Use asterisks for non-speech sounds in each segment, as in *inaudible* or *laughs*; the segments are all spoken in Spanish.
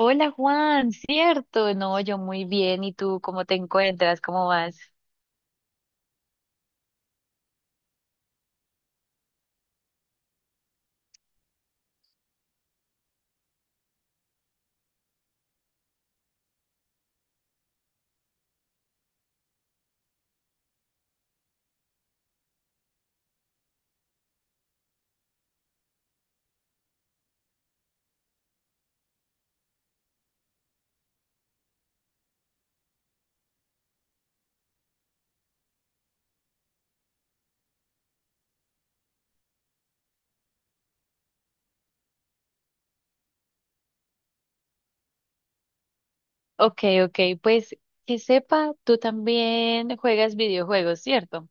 Hola Juan, cierto, no, yo muy bien, ¿y tú cómo te encuentras? ¿Cómo vas? Ok, ok, pues que sepa, tú también juegas videojuegos, ¿cierto?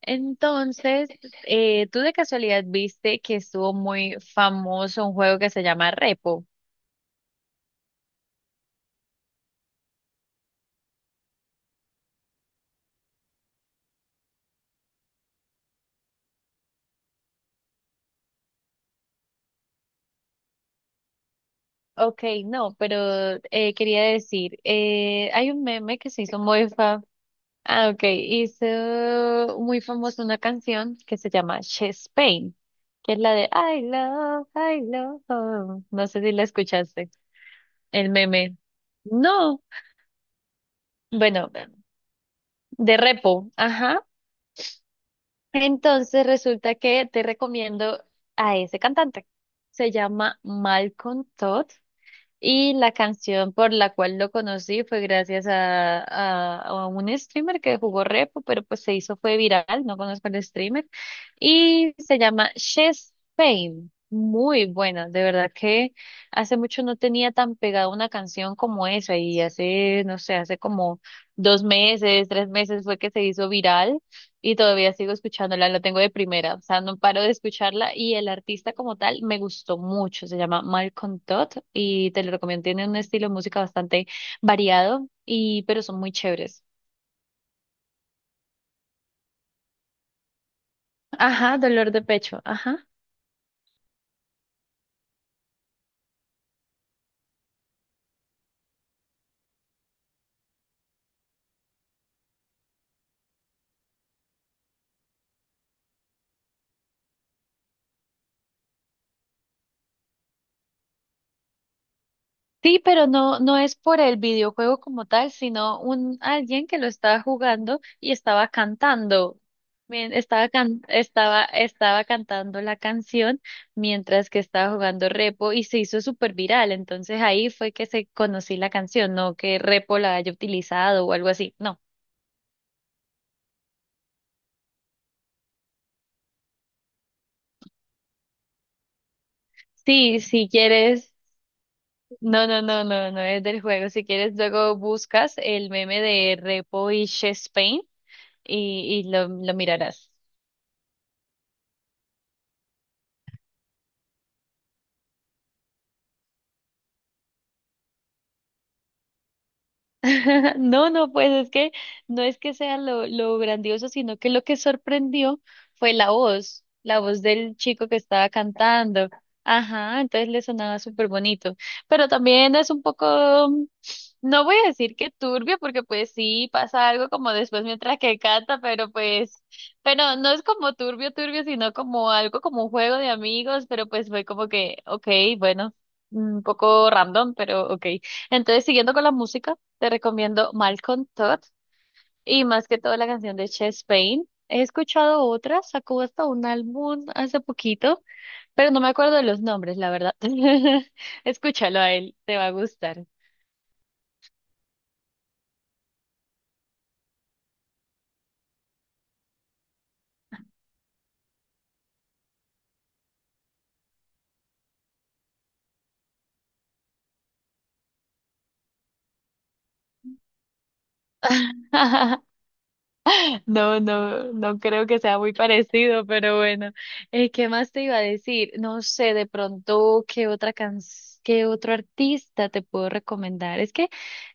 Entonces, ¿tú de casualidad viste que estuvo muy famoso un juego que se llama Repo? Ok, no, pero quería decir, hay un meme que se hizo muy famoso. Ah, ok. Hizo muy famosa una canción que se llama She's Pain, que es la de I love. You". No sé si la escuchaste. El meme. No. Bueno, de repo. Ajá. Entonces resulta que te recomiendo a ese cantante. Se llama Malcolm Todd. Y la canción por la cual lo conocí fue gracias a un streamer que jugó repo, pero pues se hizo, fue viral, no conozco el streamer. Y se llama Chess Fame. Muy buena, de verdad que hace mucho no tenía tan pegada una canción como esa y hace, no sé, hace como dos meses, tres meses fue que se hizo viral y todavía sigo escuchándola, la tengo de primera, o sea, no paro de escucharla y el artista como tal me gustó mucho, se llama Malcolm Todd y te lo recomiendo, tiene un estilo de música bastante variado y pero son muy chéveres. Ajá, dolor de pecho, ajá. Sí, pero no, no es por el videojuego como tal, sino un alguien que lo estaba jugando y estaba cantando. Estaba cantando la canción mientras que estaba jugando Repo y se hizo súper viral. Entonces ahí fue que se conocí la canción, no que Repo la haya utilizado o algo así. No. Sí, si quieres. No, no, no, no, no es del juego. Si quieres, luego buscas el meme de Repo y Chess Pain y lo mirarás. *laughs* No, no, pues es que no es que sea lo grandioso, sino que lo que sorprendió fue la voz del chico que estaba cantando. Ajá, entonces le sonaba súper bonito. Pero también es un poco, mm, no voy a decir que turbio, porque pues sí pasa algo como después mientras que canta, pero pues, pero no es como turbio, turbio, sino como algo como un juego de amigos, pero pues fue como que, ok, bueno, un poco random, pero ok. Entonces, siguiendo con la música. Te recomiendo Malcolm Todd y más que todo la canción de Chess Pain. He escuchado otras, sacó hasta un álbum hace poquito, pero no me acuerdo de los nombres, la verdad. *laughs* Escúchalo a él, te va a gustar. *laughs* No, no, no creo que sea muy parecido, pero bueno. ¿Qué más te iba a decir? No sé, de pronto, ¿qué otro artista te puedo recomendar? Es que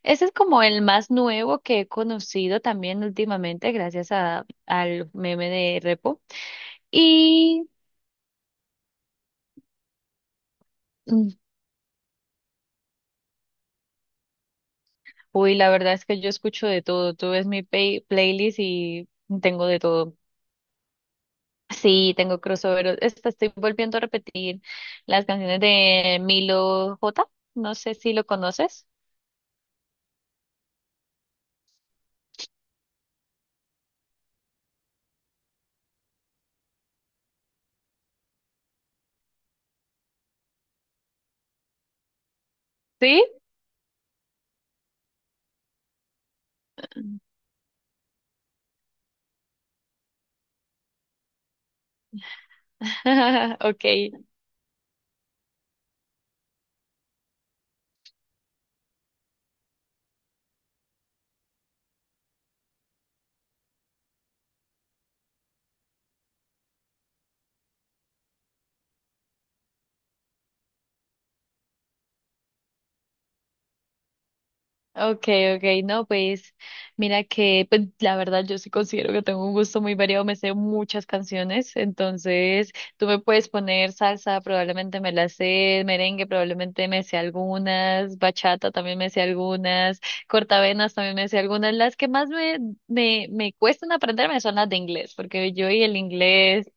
ese es como el más nuevo que he conocido también últimamente, gracias al meme de Repo. Y, mm, uy, la verdad es que yo escucho de todo. Tú ves mi playlist y tengo de todo. Sí, tengo crossover. Esta estoy volviendo a repetir las canciones de Milo J. No sé si lo conoces. ¿Sí? *laughs* Ok. Okay, okay, no, pues mira que pues, la verdad yo sí considero que tengo un gusto muy variado, me sé muchas canciones, entonces tú me puedes poner salsa, probablemente me la sé, merengue probablemente me sé algunas, bachata también me sé algunas, cortavenas también me sé algunas, las que más me cuestan aprenderme son las de inglés, porque yo y el inglés.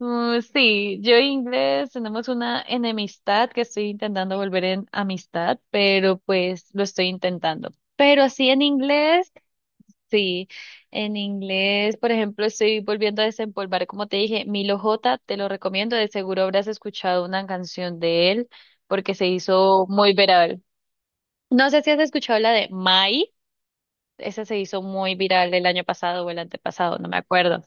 Sí, yo e inglés tenemos una enemistad que estoy intentando volver en amistad, pero pues lo estoy intentando. Pero sí, en inglés, por ejemplo, estoy volviendo a desempolvar, como te dije, Milo J, te lo recomiendo, de seguro habrás escuchado una canción de él porque se hizo muy viral. No sé si has escuchado la de Mai, esa se hizo muy viral el año pasado o el antepasado, no me acuerdo.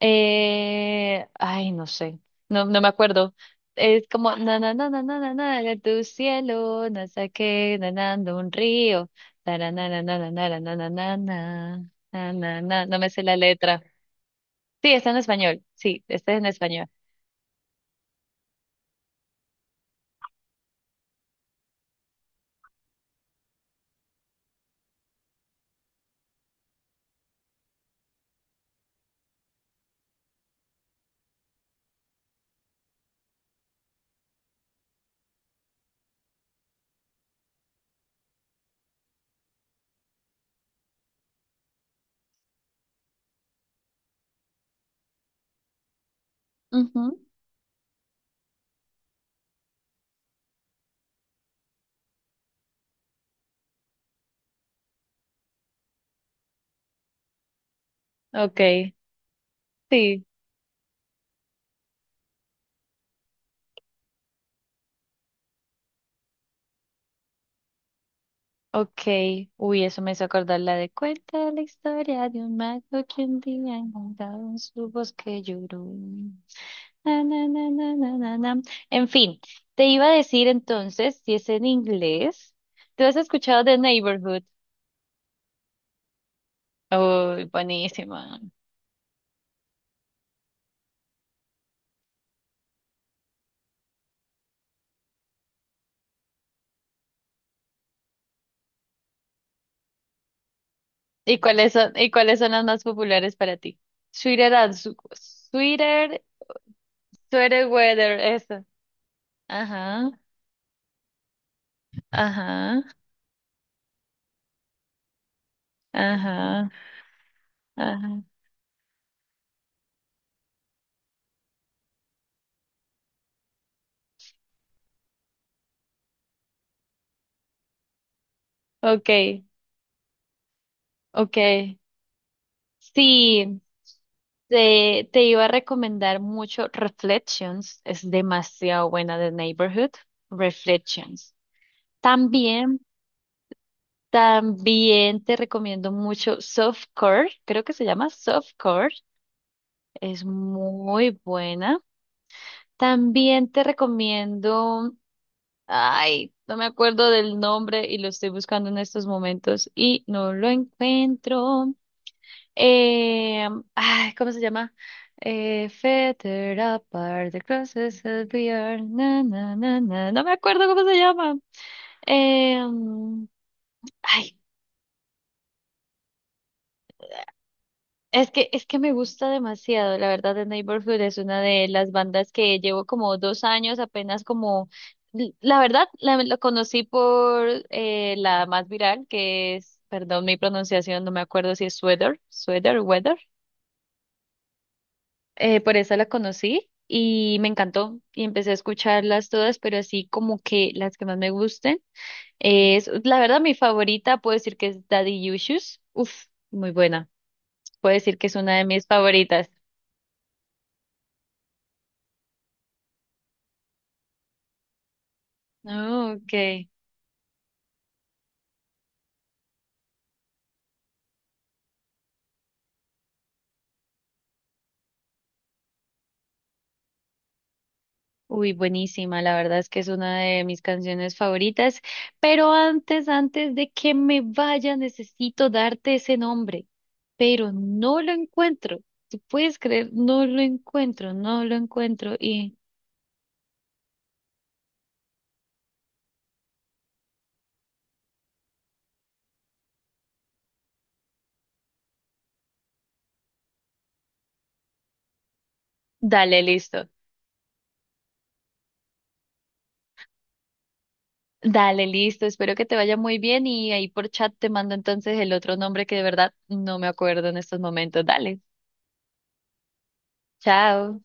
Ay, no sé, no, no me acuerdo. Es como na na na na na na na de tu cielo, no sé qué, nanando un río, tara, na na na na na na na na na na na na no me sé la letra. Sí, está en español, sí, está en español. Ujú. Okay, sí, okay. Uy, eso me hizo acordar la de cuenta la historia de un mago que un día encontrado en su bosque lloró. Na, na, na, na, na, na, na. En fin, te iba a decir entonces, si es en inglés, ¿tú has escuchado The Neighborhood? Oh, buenísima. Y cuáles son las más populares para ti? Sweeter, Sweater Weather, eso. Ajá, ajá, ajá, ajá. Okay, ok. Sí, te iba a recomendar mucho Reflections, es demasiado buena de Neighborhood. Reflections. También, también te recomiendo mucho Softcore, creo que se llama Softcore, es muy buena. También te recomiendo, ay, no me acuerdo del nombre y lo estoy buscando en estos momentos y no lo encuentro. Eh, ay, ¿cómo se llama? Fetter apart, the crosses that we are, na, na, na, na. No me acuerdo cómo se llama. Eh, mm, ay, es que me gusta demasiado, la verdad, The Neighborhood es una de las bandas que llevo como dos años apenas como, la verdad, la conocí por la más viral, que es, perdón mi pronunciación, no me acuerdo si es Weather, por esa la conocí y me encantó y empecé a escucharlas todas, pero así como que las que más me gusten es, la verdad, mi favorita puedo decir que es Daddy Issues. Uf, muy buena. Puedo decir que es una de mis favoritas. Oh, ok. Uy, buenísima. La verdad es que es una de mis canciones favoritas. Pero antes, antes de que me vaya, necesito darte ese nombre. Pero no lo encuentro. ¿Tú puedes creer? No lo encuentro, no lo encuentro. Y dale, listo. Dale, listo. Espero que te vaya muy bien y ahí por chat te mando entonces el otro nombre que de verdad no me acuerdo en estos momentos. Dale. Chao.